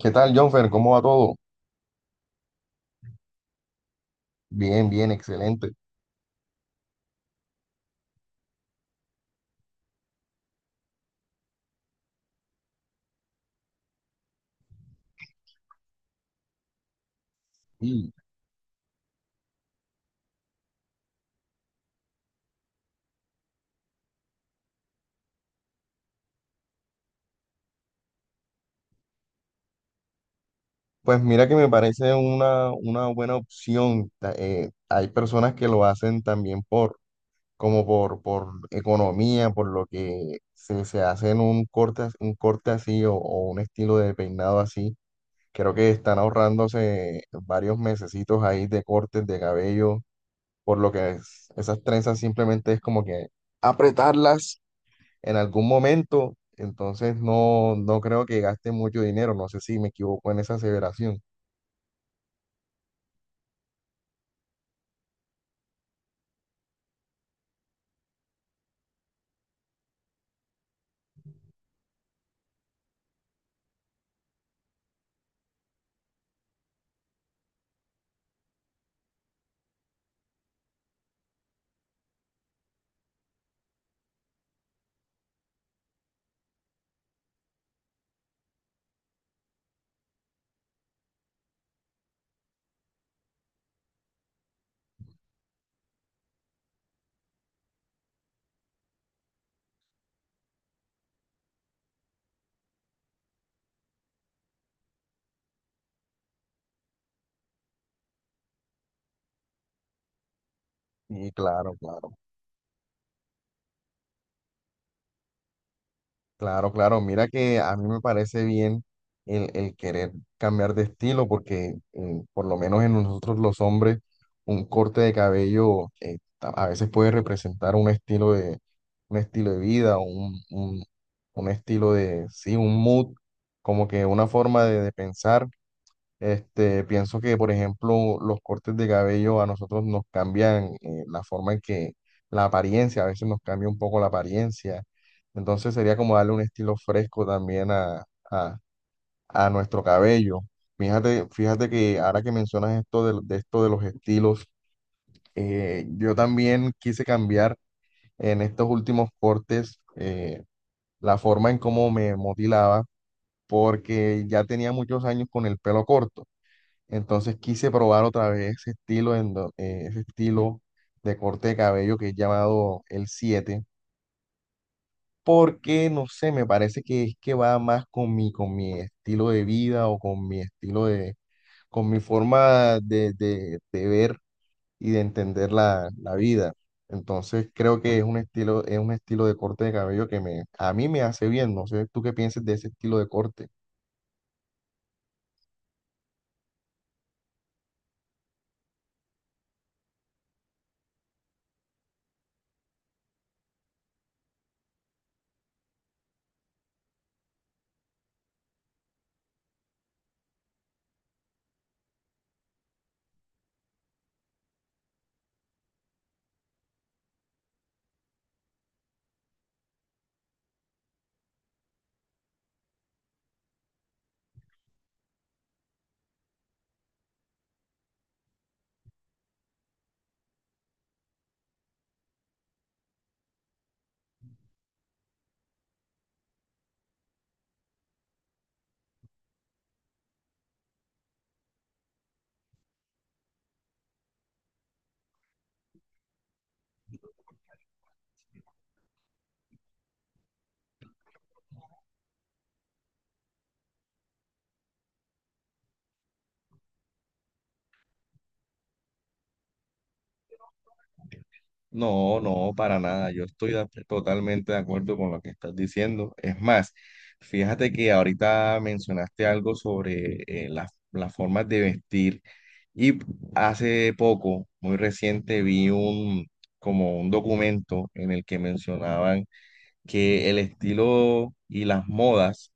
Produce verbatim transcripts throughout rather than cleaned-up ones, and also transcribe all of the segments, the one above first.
¿Qué tal, Jonfer? ¿Cómo va todo? Bien, bien, excelente. Y pues mira que me parece una, una buena opción. Ta- eh, hay personas que lo hacen también por, como por, por economía, por lo que se, se hacen un corte, as- un corte así o, o un estilo de peinado así. Creo que están ahorrándose varios mesecitos ahí de cortes de cabello, por lo que es- esas trenzas simplemente es como que apretarlas en algún momento, entonces no, no creo que gaste mucho dinero, no sé si me equivoco en esa aseveración. Y claro, claro, claro, claro, mira que a mí me parece bien el, el querer cambiar de estilo, porque eh, por lo menos en nosotros los hombres, un corte de cabello eh, ta- a veces puede representar un estilo de, un estilo de vida, un, un, un estilo de, sí, un mood, como que una forma de de pensar. Este, pienso que, por ejemplo, los cortes de cabello a nosotros nos cambian eh, la forma en que la apariencia, a veces nos cambia un poco la apariencia. Entonces sería como darle un estilo fresco también a, a, a nuestro cabello. Fíjate, fíjate que ahora que mencionas esto de, de esto de los estilos, eh, yo también quise cambiar en estos últimos cortes eh, la forma en cómo me motilaba porque ya tenía muchos años con el pelo corto. Entonces quise probar otra vez ese estilo, en do- eh, ese estilo de corte de cabello que es llamado el siete porque no sé, me parece que es que va más con mi, con mi estilo de vida o con mi estilo de, con mi forma de, de- de ver y de entender la, la vida. Entonces creo que es un estilo, es un estilo de corte de cabello que me, a mí me hace bien. No sé, ¿tú qué piensas de ese estilo de corte? No, no, para nada. Yo estoy de- totalmente de acuerdo con lo que estás diciendo. Es más, fíjate que ahorita mencionaste algo sobre eh, las las formas de vestir y hace poco, muy reciente, vi un como un documento en el que mencionaban que el estilo y las modas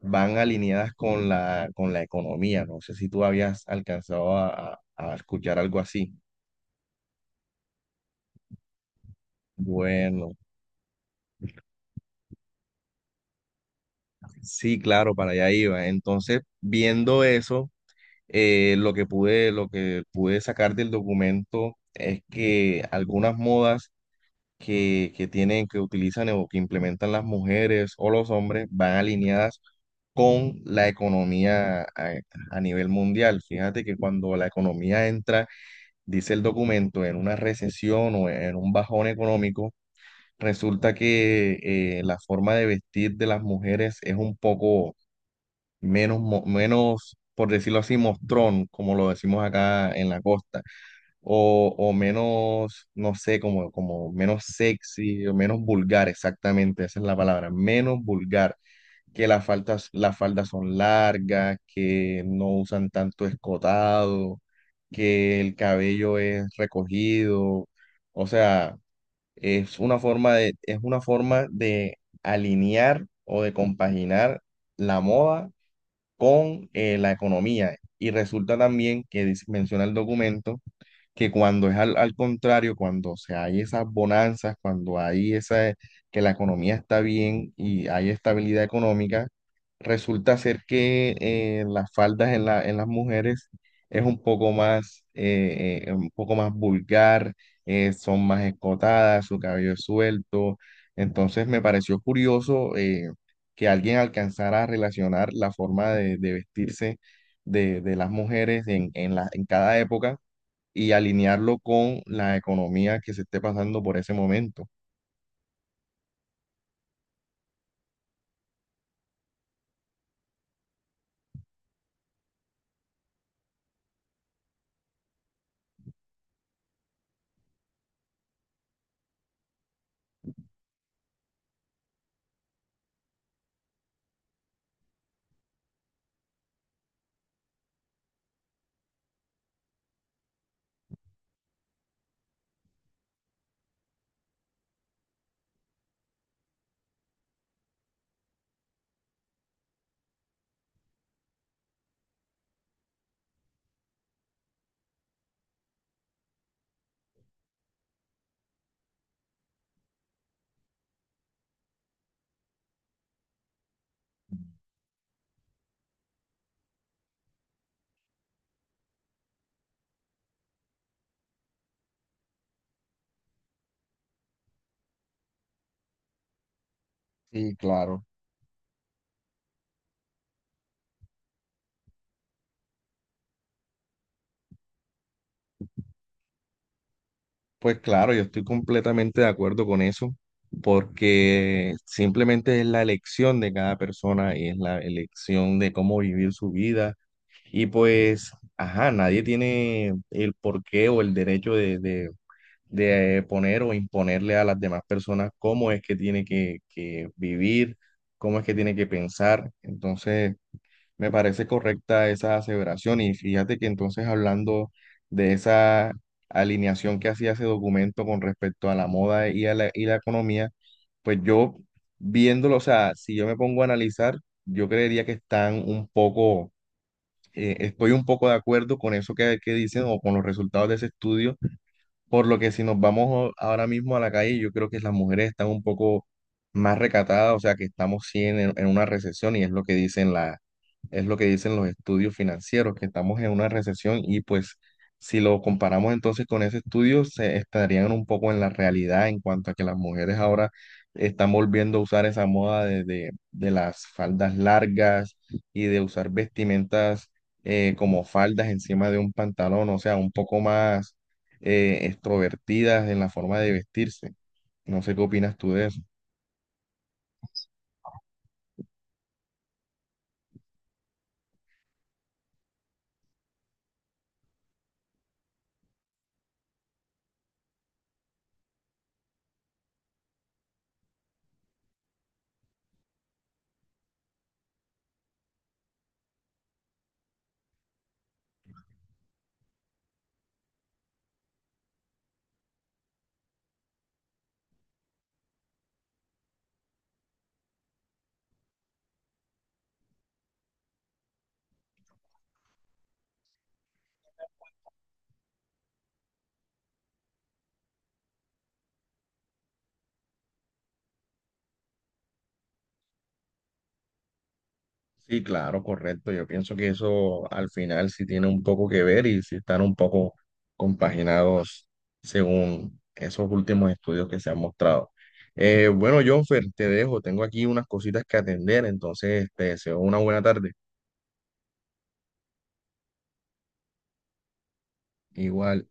van alineadas con la con la economía. No sé si tú habías alcanzado a a- a escuchar algo así. Bueno. Sí, claro, para allá iba. Entonces, viendo eso, eh, lo que pude, lo que pude sacar del documento es que algunas modas que, que tienen, que utilizan o que implementan las mujeres o los hombres van alineadas con la economía a, a nivel mundial. Fíjate que cuando la economía entra, dice el documento, en una recesión o en un bajón económico, resulta que eh, la forma de vestir de las mujeres es un poco menos, mo- menos, por decirlo así, mostrón, como lo decimos acá en la costa, o, o menos, no sé, como, como menos sexy, o menos vulgar, exactamente, esa es la palabra, menos vulgar, que las faldas, las faldas son largas, que no usan tanto escotado, que el cabello es recogido, o sea, es una forma de, es una forma de alinear o de compaginar la moda con eh, la economía. Y resulta también que dice- menciona el documento que cuando es al, al contrario, cuando se hay esas bonanzas, cuando hay esa, que la economía está bien y hay estabilidad económica, resulta ser que eh, las faldas en la, en las mujeres es un poco más, eh, eh, un poco más vulgar, eh, son más escotadas, su cabello es suelto. Entonces me pareció curioso eh, que alguien alcanzara a relacionar la forma de, de vestirse de, de las mujeres en, en la, en cada época y alinearlo con la economía que se esté pasando por ese momento. Sí, claro. Pues claro, yo estoy completamente de acuerdo con eso, porque simplemente es la elección de cada persona y es la elección de cómo vivir su vida. Y pues, ajá, nadie tiene el porqué o el derecho de, de, de poner o imponerle a las demás personas cómo es que tiene que, que vivir, cómo es que tiene que pensar. Entonces... Me parece correcta esa aseveración y fíjate que entonces hablando de esa alineación que hacía ese documento con respecto a la moda y a la, y la economía, pues yo viéndolo, o sea, si yo me pongo a analizar, yo creería que están un poco, eh, estoy un poco de acuerdo con eso que, que dicen o con los resultados de ese estudio por lo que si nos vamos a- ahora mismo a la calle, yo creo que las mujeres están un poco más recatadas, o sea que estamos sí en, en una recesión y es lo que dicen la, es lo que dicen los estudios financieros, que estamos en una recesión y pues si lo comparamos entonces con ese estudio, se estarían un poco en la realidad en cuanto a que las mujeres ahora están volviendo a usar esa moda de, de, de las faldas largas y de usar vestimentas eh, como faldas encima de un pantalón, o sea, un poco más eh, extrovertidas en la forma de vestirse. No sé qué opinas tú de eso. Sí, claro, correcto. Yo pienso que eso al final sí tiene un poco que ver y sí están un poco compaginados según esos últimos estudios que se han mostrado. Eh, bueno, Jonfer, te dejo. Tengo aquí unas cositas que atender, entonces te deseo una buena tarde. Igual.